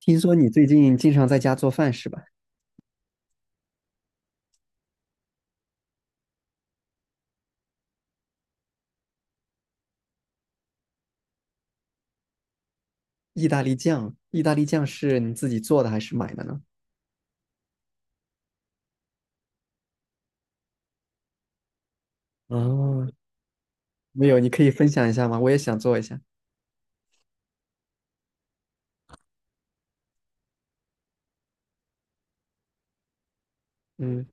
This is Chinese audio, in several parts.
听说你最近经常在家做饭是吧？意大利酱是你自己做的还是买的呢？哦，没有，你可以分享一下吗？我也想做一下。嗯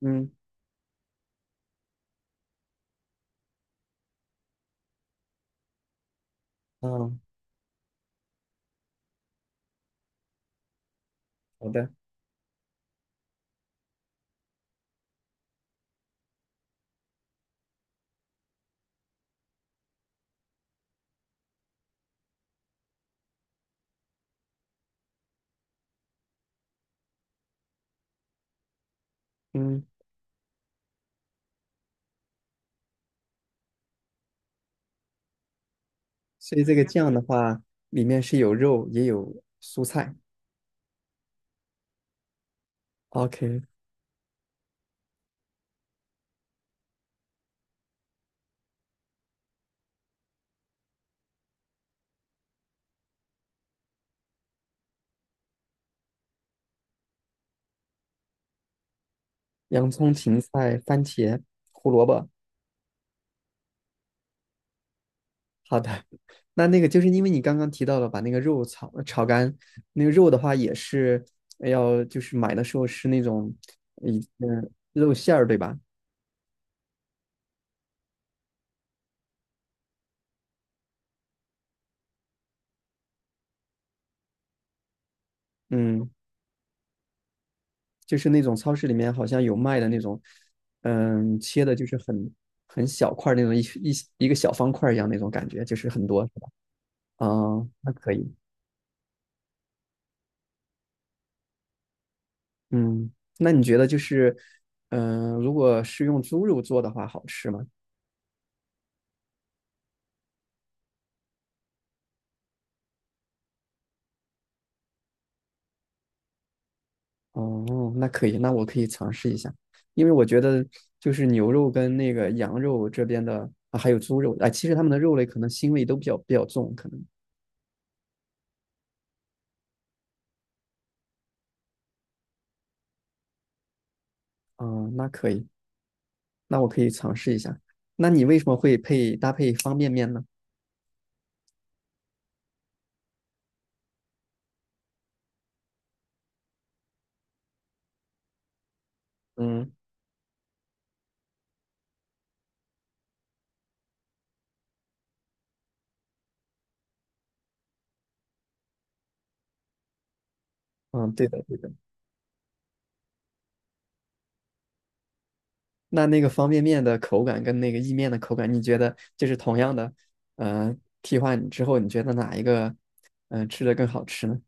嗯，哦，好的。嗯，所以这个酱的话，里面是有肉也有蔬菜。OK，洋葱、芹菜、番茄、胡萝卜。好的。那个就是因为你刚刚提到了把那个肉炒干，那个肉的话也是要就是买的时候是那种，嗯，肉馅儿对吧？嗯，就是那种超市里面好像有卖的那种，切的就是很小块儿那种一个小方块儿一样那种感觉，就是很多，是吧？啊，那可以。嗯，那你觉得就是，如果是用猪肉做的话，好吃吗？哦，那可以，那我可以尝试一下，因为我觉得就是牛肉跟那个羊肉这边的，啊，还有猪肉，哎，其实它们的肉类可能腥味都比较重，可能。嗯，那可以，那我可以尝试一下。那你为什么会搭配方便面呢？嗯，嗯，对的，对的。那个方便面的口感跟那个意面的口感，你觉得就是同样的，呃，替换之后，你觉得哪一个，吃的更好吃呢？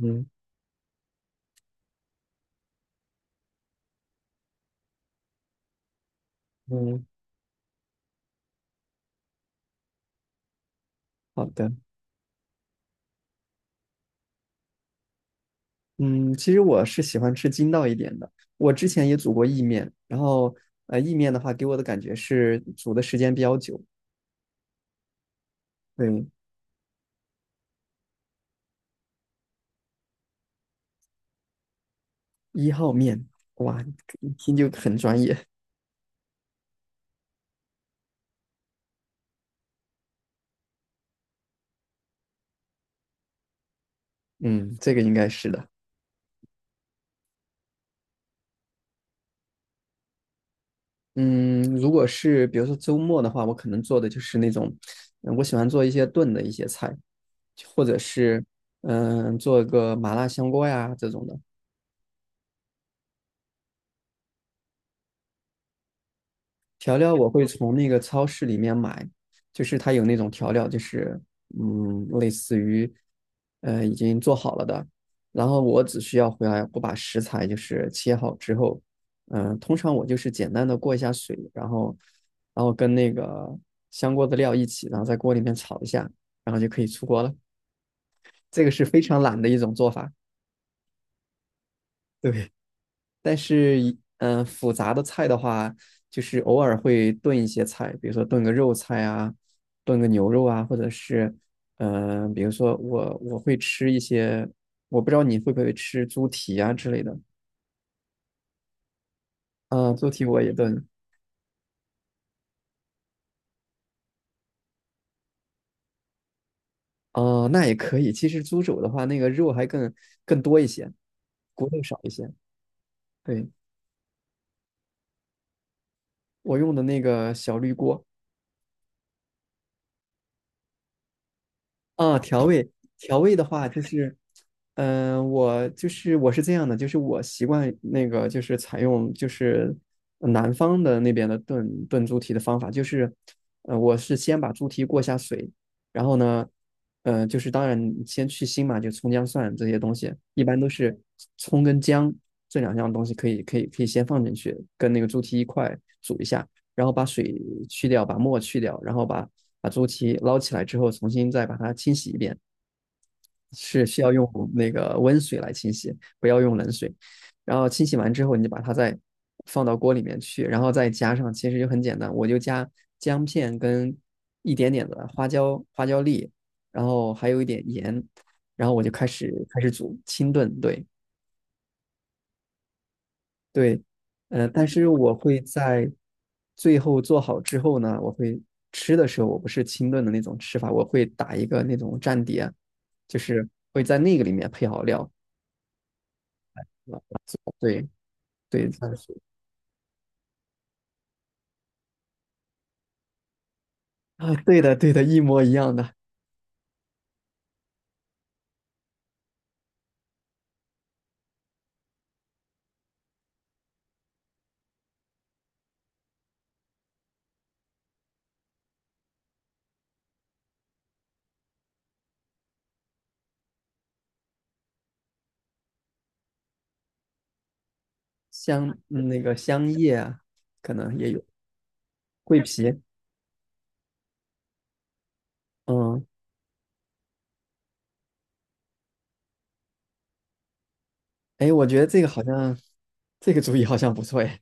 嗯嗯，好的。嗯，其实我是喜欢吃筋道一点的。我之前也煮过意面，然后意面的话给我的感觉是煮的时间比较久。对，一号面，哇，一听就很专业。嗯，这个应该是的。嗯，如果是比如说周末的话，我可能做的就是那种，我喜欢做一些炖的一些菜，或者是做个麻辣香锅呀这种的。调料我会从那个超市里面买，就是它有那种调料，就是类似于已经做好了的，然后我只需要回来我把食材就是切好之后，通常我就是简单的过一下水，然后跟那个香锅的料一起，然后在锅里面炒一下，然后就可以出锅了。这个是非常懒的一种做法，对。但是复杂的菜的话，就是偶尔会炖一些菜，比如说炖个肉菜啊，炖个牛肉啊，或者是，比如说我会吃一些，我不知道你会不会吃猪蹄啊之类的，啊、猪蹄我也炖，哦、那也可以。其实猪肘的话，那个肉还更多一些，骨头少一些。对，我用的那个小绿锅。啊，调味的话，就是，我是这样的，就是我习惯那个就是采用就是南方的那边的炖猪蹄的方法，就是，我是先把猪蹄过下水，然后呢，就是当然你先去腥嘛，就葱姜蒜这些东西，一般都是葱跟姜这两样东西可以先放进去，跟那个猪蹄一块煮一下，然后把水去掉，把沫去掉，然后把猪蹄捞起来之后，重新再把它清洗一遍，是需要用那个温水来清洗，不要用冷水。然后清洗完之后，你就把它再放到锅里面去，然后再加上，其实就很简单，我就加姜片跟一点点的花椒粒，然后还有一点盐，然后我就开始煮清炖。对，对，但是我会在最后做好之后呢，吃的时候，我不是清炖的那种吃法，我会打一个那种蘸碟，就是会在那个里面配好料。对。对算是。 啊，对的对的，一模一样的。那个香叶啊，可能也有桂皮。嗯，哎，我觉得这个好像这个主意好像不错哎。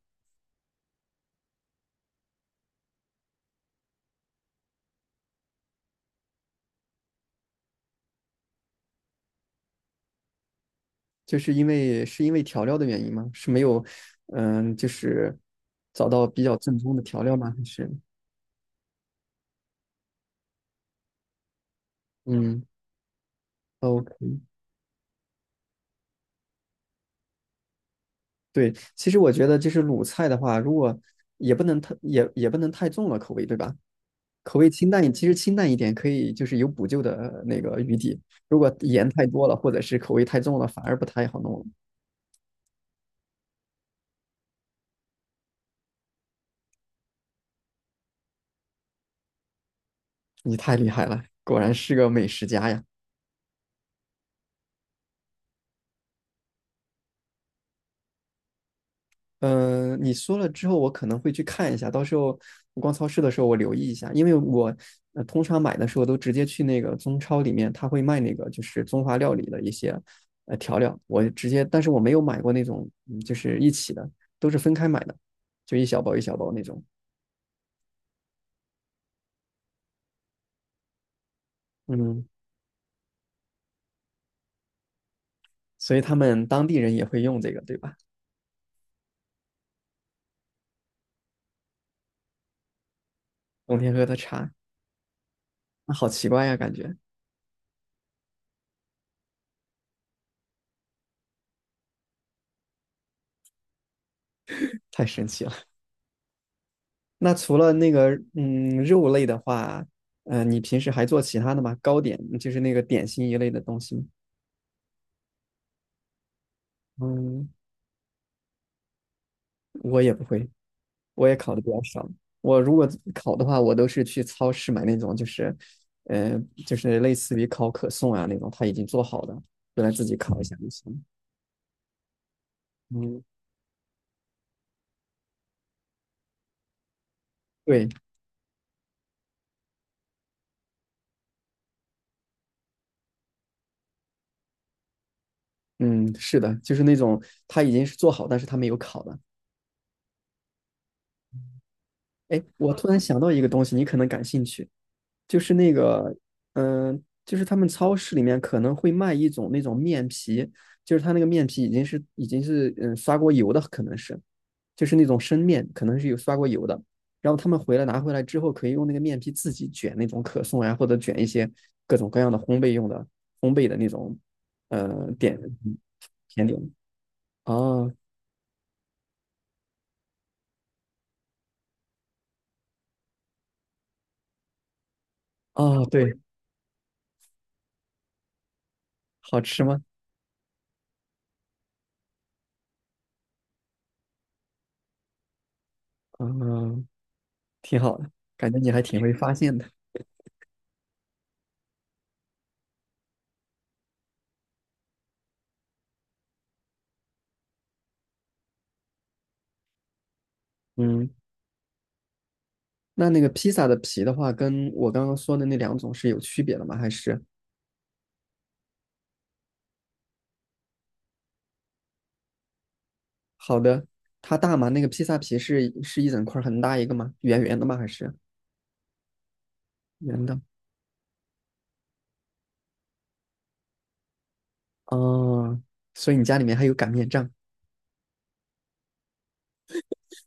就是因为调料的原因吗？是没有，就是找到比较正宗的调料吗？还是嗯，OK。对，其实我觉得就是鲁菜的话，如果也不能太也也不能太重了口味，对吧？口味清淡一，其实清淡一点可以，就是有补救的那个余地。如果盐太多了，或者是口味太重了，反而不太好弄了。你太厉害了，果然是个美食家呀！你说了之后，我可能会去看一下。到时候我逛超市的时候，我留意一下，因为我通常买的时候都直接去那个中超里面，他会卖那个就是中华料理的一些调料，我直接，但是我没有买过那种，就是一起的，都是分开买的，就一小包一小包那种。嗯，所以他们当地人也会用这个，对吧？冬天喝的茶，那好奇怪呀，感觉太神奇了。那除了那个肉类的话，你平时还做其他的吗？糕点，就是那个点心一类的东西吗？嗯，我也不会，我也烤的比较少。我如果烤的话，我都是去超市买那种，就是，呃，就是类似于烤可颂啊那种，它已经做好的，回来自己烤一下就行。嗯，对，嗯，是的，就是那种它已经是做好，但是它没有烤的。哎，我突然想到一个东西，你可能感兴趣。就是那个，就是他们超市里面可能会卖一种那种面皮，就是它那个面皮已经是刷过油的，可能是，就是那种生面，可能是有刷过油的。然后他们拿回来之后，可以用那个面皮自己卷那种可颂呀，或者卷一些各种各样的烘焙的那种，呃，点甜点。哦哦，对，好吃吗？嗯，挺好的，感觉你还挺会发现的。嗯。那个披萨的皮的话，跟我刚刚说的那两种是有区别的吗？还是？好的。它大吗？那个披萨皮是一整块儿很大一个吗？圆圆的吗？还是圆的？哦，所以你家里面还有擀面杖，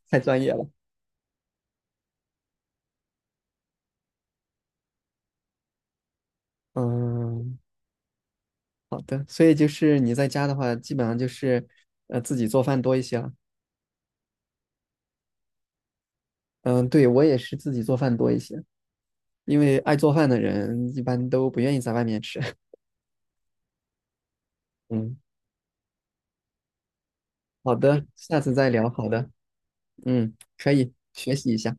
太专业了。嗯，好的。所以就是你在家的话，基本上就是自己做饭多一些了。嗯，对，我也是自己做饭多一些，因为爱做饭的人一般都不愿意在外面吃。嗯，好的，下次再聊。好的，可以学习一下。